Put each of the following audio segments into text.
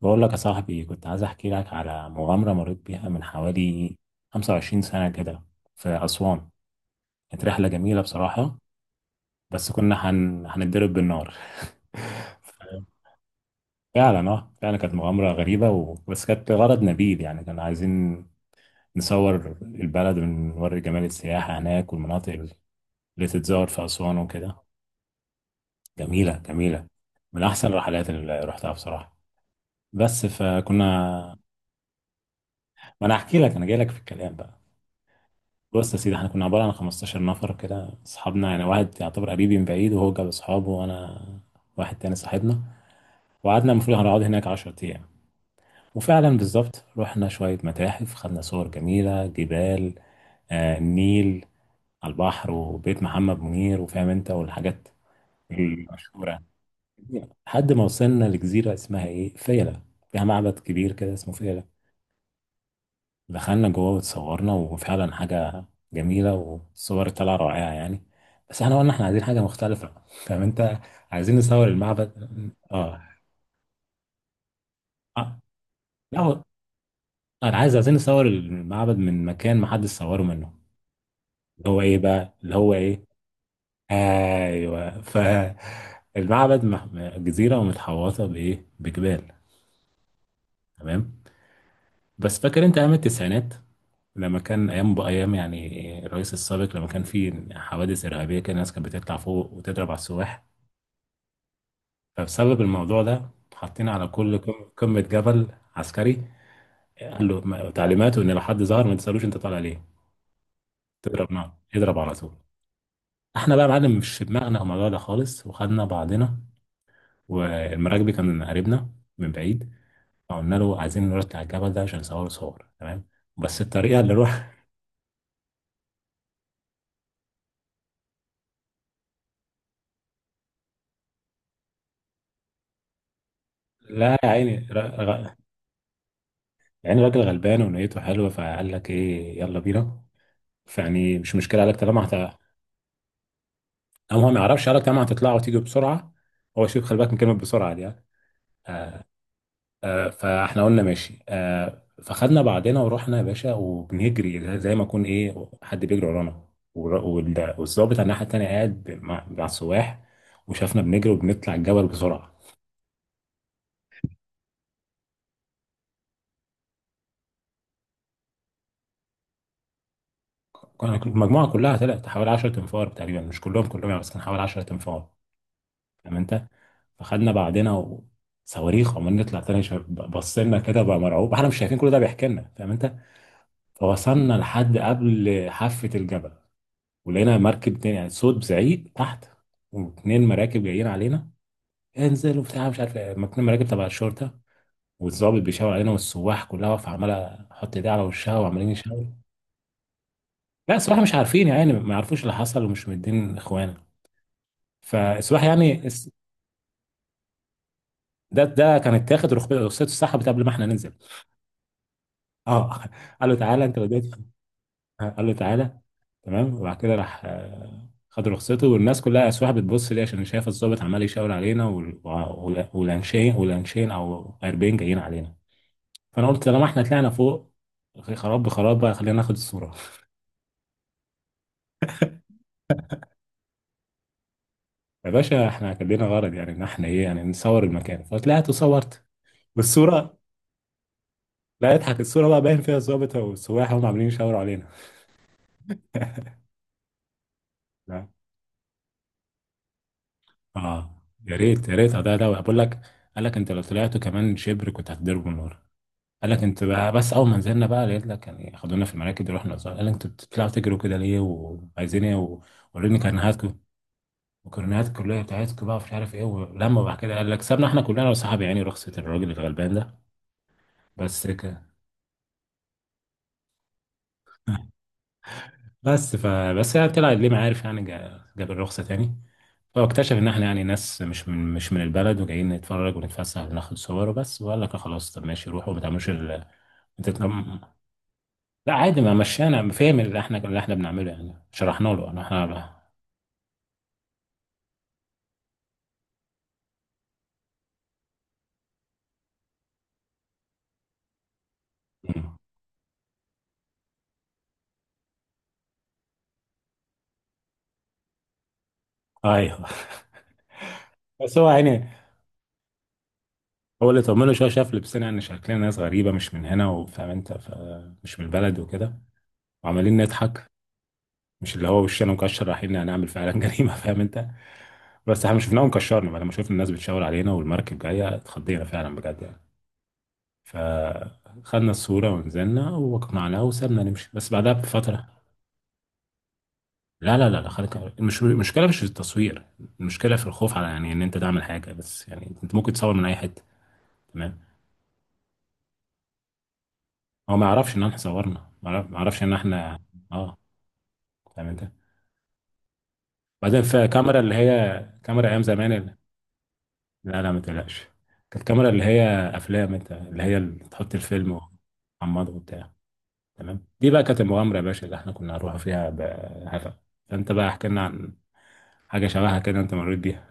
بقول لك يا صاحبي، كنت عايز احكي لك على مغامرة مريت بيها من حوالي 25 سنة كده في أسوان. كانت رحلة جميلة بصراحة، بس كنا هنتضرب بالنار. ف- فعلا، فعلا كانت مغامرة غريبة بس كانت غرض نبيل، يعني كنا عايزين نصور البلد ونوري جمال السياحة هناك والمناطق اللي تتزار في أسوان وكده. جميلة جميلة، من أحسن الرحلات اللي رحتها بصراحة. بس فكنا، ما أنا هحكي لك، أنا جاي لك في الكلام بقى. بص يا سيدي، احنا كنا عبارة عن 15 نفر كده، اصحابنا يعني، واحد يعتبر قريبي من بعيد وهو جاب اصحابه وانا واحد تاني صاحبنا. وقعدنا، المفروض هنقعد هناك 10 ايام، وفعلا بالظبط رحنا شوية متاحف، خدنا صور جميلة، جبال، آه النيل، على البحر، وبيت محمد منير وفاهم انت والحاجات المشهورة. لحد ما وصلنا لجزيرة اسمها ايه، فيلة، فيها معبد كبير كده اسمه فيلة. دخلنا جوه واتصورنا، وفعلا حاجة جميلة والصور طالعة رائعة يعني. بس احنا قلنا احنا عايزين حاجة مختلفة، فاهم انت، عايزين نصور المعبد. اه، آه، لا هو انا عايزين نصور المعبد من مكان ما حدش صوره منه. اللي هو ايه بقى، اللي هو ايه، ايوه. ف المعبد جزيرة ومتحوطة بايه، بجبال. تمام. بس فاكر انت ايام التسعينات لما كان ايام بايام يعني الرئيس السابق، لما كان في حوادث ارهابيه كده، الناس كانت بتطلع فوق وتضرب على السواح. فبسبب الموضوع ده حاطين على كل قمه جبل عسكري. قال له تعليماته ان لو حد ظهر ما تسالوش انت طالع ليه، تضرب نار، اضرب على طول. احنا بقى يا معلم مش في دماغنا الموضوع ده خالص، وخدنا بعضنا، والمراكبي كان قريبنا من بعيد. فقلنا له عايزين نرد على الجبل ده عشان نصور صور، تمام، بس الطريقه اللي روح. لا يا عيني، يعني الراجل غلبان ونيته حلوه، فقال لك ايه، يلا بينا، فيعني مش مشكله. قال لك طالما هت، او هو ما يعرفش، قال لك طالما هتطلعوا وتيجوا بسرعه. هو شوف، خلي بالك من كلمه بسرعه دي يعني. آه، فاحنا قلنا ماشي، آه، فخدنا بعضنا ورحنا يا باشا، وبنجري زي ما يكون ايه حد بيجري ورانا. والظابط على الناحيه التانيه قاعد مع السواح، وشافنا بنجري وبنطلع الجبل بسرعه. المجموعه كلها طلعت حوالي 10 تنفار تقريبا، مش كلهم كلهم يعني، بس كان حوالي 10 تنفار. فاهم انت، فخدنا بعضنا. وصواريخ عمالين نطلع تاني، بص لنا كده بقى مرعوب، احنا مش شايفين كل ده بيحكي لنا، فاهم انت. فوصلنا لحد قبل حافة الجبل، ولقينا مركب تاني، يعني صوت زعيق تحت، واتنين مراكب جايين علينا، انزل وبتاع مش عارف ايه، اتنين مراكب تبع الشرطة، والضابط بيشاور علينا، والسواح كلها واقفة عمالة تحط ايديها على وشها وعمالين يشاوروا. لا السواح مش عارفين، يعني ما يعرفوش اللي حصل ومش مدين اخوانا. فالسواح يعني ده كان اتاخد رخصته اتسحبت قبل ما احنا ننزل. اه، قال له تعالى انت بدأت. قال له تعالى، تمام. وبعد كده راح، آه، خد رخصته، والناس كلها اسواح بتبص ليه عشان شايف الضابط عمال يشاور علينا، والانشين والانشين او 40 جايين علينا. فانا قلت طالما احنا طلعنا فوق، خراب بخراب بقى، خلينا ناخد الصوره. يا باشا احنا كان لنا غرض يعني، ان احنا ايه يعني نصور المكان، فطلعت وصورت والصوره، لا اضحك، الصوره بقى باين فيها الضابط والسواح هم عاملين يشاوروا علينا. اه يا ريت، يا ريت، ده بقول لك قال لك انت لو طلعتوا كمان شبر كنت هتضربوا نار. قال لك انت بقى، بس اول ما نزلنا بقى لقيت لك يعني خدونا في المراكب، رحنا الزهر، قال لك انتوا بتطلعوا تجروا كده ليه، وعايزين ايه، ووريني كرنيهاتكم وكرنيهات الكليه بتاعتكم بقى، ومش عارف ايه. ولما بعد كده قال لك سابنا احنا كلنا وصحابي يعني، رخصه الراجل الغلبان ده بس كده. بس هي طلعت ليه ما عارف يعني، جاب الرخصه تاني، فاكتشف ان احنا يعني ناس مش من، البلد، وجايين نتفرج ونتفسح وناخد صور وبس. وقال لك خلاص طب ماشي روحوا، ما تعملوش ما لا عادي ما مشينا. فاهم اللي احنا بنعمله يعني، شرحنا له انا احنا. مم. ايوه. بس هو يعني، هو اللي طمنه شويه، شاف لبسنا يعني، شكلنا ناس غريبه مش من هنا، وفاهم انت، ف مش من البلد وكده، وعمالين نضحك، مش اللي هو وشنا مكشر رايحين هنعمل فعلا جريمه. فاهم انت، بس احنا مش شفناهم، كشرنا لما شفنا الناس بتشاور علينا والمركب جايه، اتخضينا فعلا بجد يعني. فخدنا الصورة ونزلنا وقنعناه وسابنا نمشي، بس بعدها بفترة. لا لا خليك، مش المشكلة مش في التصوير، المشكلة في الخوف على، يعني ان انت تعمل حاجة، بس يعني انت ممكن تصور من اي حتة. تمام. هو ما يعرفش ان احنا صورنا، ما يعرفش ان احنا، اه، فاهم انت. بعدين في كاميرا اللي هي، كاميرا ايام زمان اللي... لا لا ما تقلقش، كانت كاميرا اللي هي افلام انت، اللي هي اللي تحط الفيلم وتحمضه وبتاع. تمام. دي بقى كانت المغامرة يا باشا اللي احنا كنا هنروح فيها بهفا. فانت بقى احكي لنا عن حاجة شبهها كده انت مريت بيها.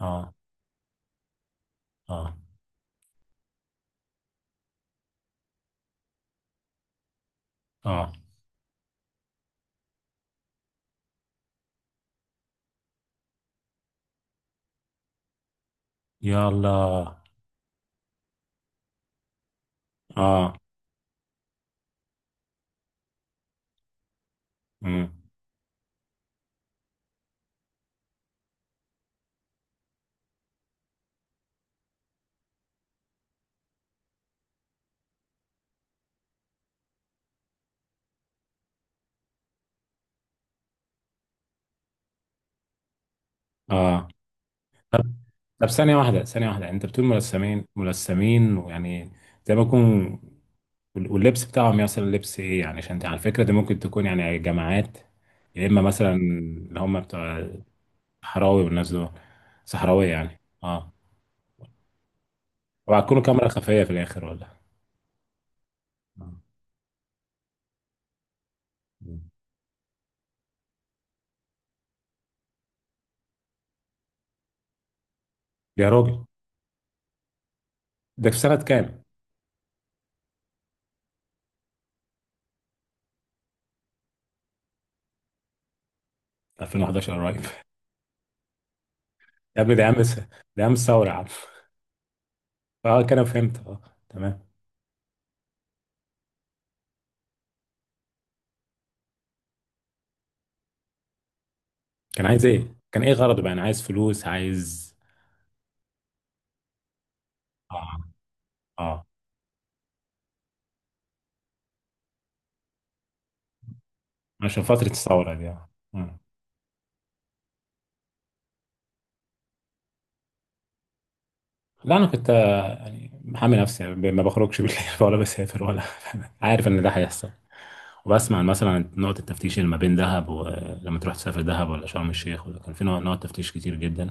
اه، اه، اه، يلا، اه، امم، اه. طب، طب، ثانية واحدة، انت بتقول ملثمين، ملثمين، ويعني زي ما يكون. واللبس بتاعهم مثلا لبس ايه يعني، عشان انت على فكرة دي ممكن تكون يعني جماعات، يا اما مثلا اللي هم بتوع الصحراوي والناس دول صحراوية يعني، اه. وهتكونوا كاميرا خفية في الآخر ولا؟ آه. يا راجل، ده في سنة كام؟ 2011 قريب. يا ابني ده عام، ده عام الثورة يا عم. اه كده فهمت، اه، تمام. كان عايز ايه، كان ايه غرضه بقى، انا عايز فلوس، عايز، اه، اه، عشان فترة الثورة دي، اه. مم. لا انا كنت، آه، يعني محامي نفسي يعني، ما بخرجش بالليل ولا بسافر ولا. عارف ان ده هيحصل. وبسمع مثلا عن نقطة التفتيش اللي ما بين دهب، ولما تروح تسافر دهب ولا شرم الشيخ، ولا كان في نقط تفتيش كتير جدا.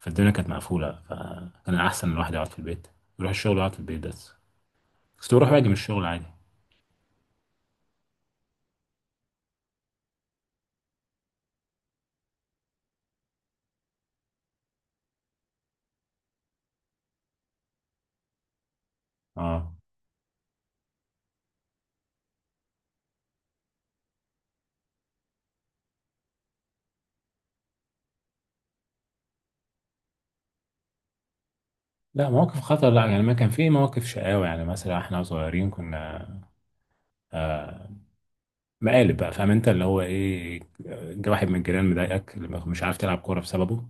فالدنيا كانت مقفولة، فكان الأحسن إن الواحد يقعد في البيت، يروح الشغل ويقعد في البيت بس. بس بروح واجي من الشغل عادي. اه، لا مواقف خطر لا، يعني ما كان في مواقف شقاوة يعني، مثلا احنا صغيرين كنا، آه، مقالب بقى، فاهم انت، اللي هو ايه، جه واحد من الجيران مضايقك، مش عارف تلعب كورة بسببه،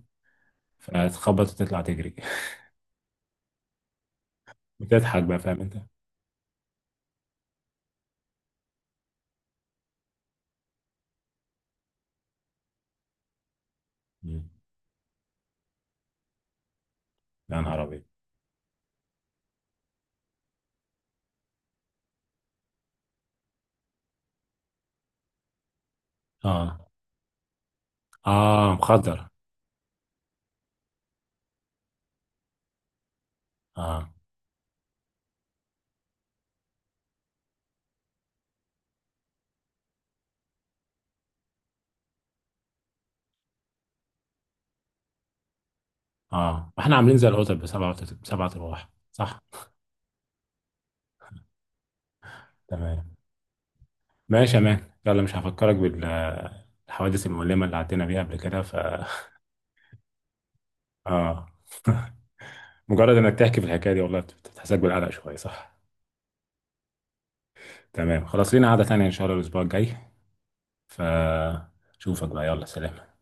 فتخبط وتطلع تجري. وتضحك بقى، فاهم انت. مم. يا نهار ابيض. اه، اه مخدر، اه، اه. احنا عاملين زي القطط بسبعة، بسبعة ارواح، صح. تمام، ماشي يا مان. يلا مش هفكرك بالحوادث المؤلمة اللي عدينا بيها قبل كده. ف اه. مجرد انك تحكي في الحكايه دي والله بتحسسك بالقلق شويه، صح. تمام، خلاص، لينا قعده تانية ان شاء الله الاسبوع الجاي، فشوفك بقى، يلا، سلام.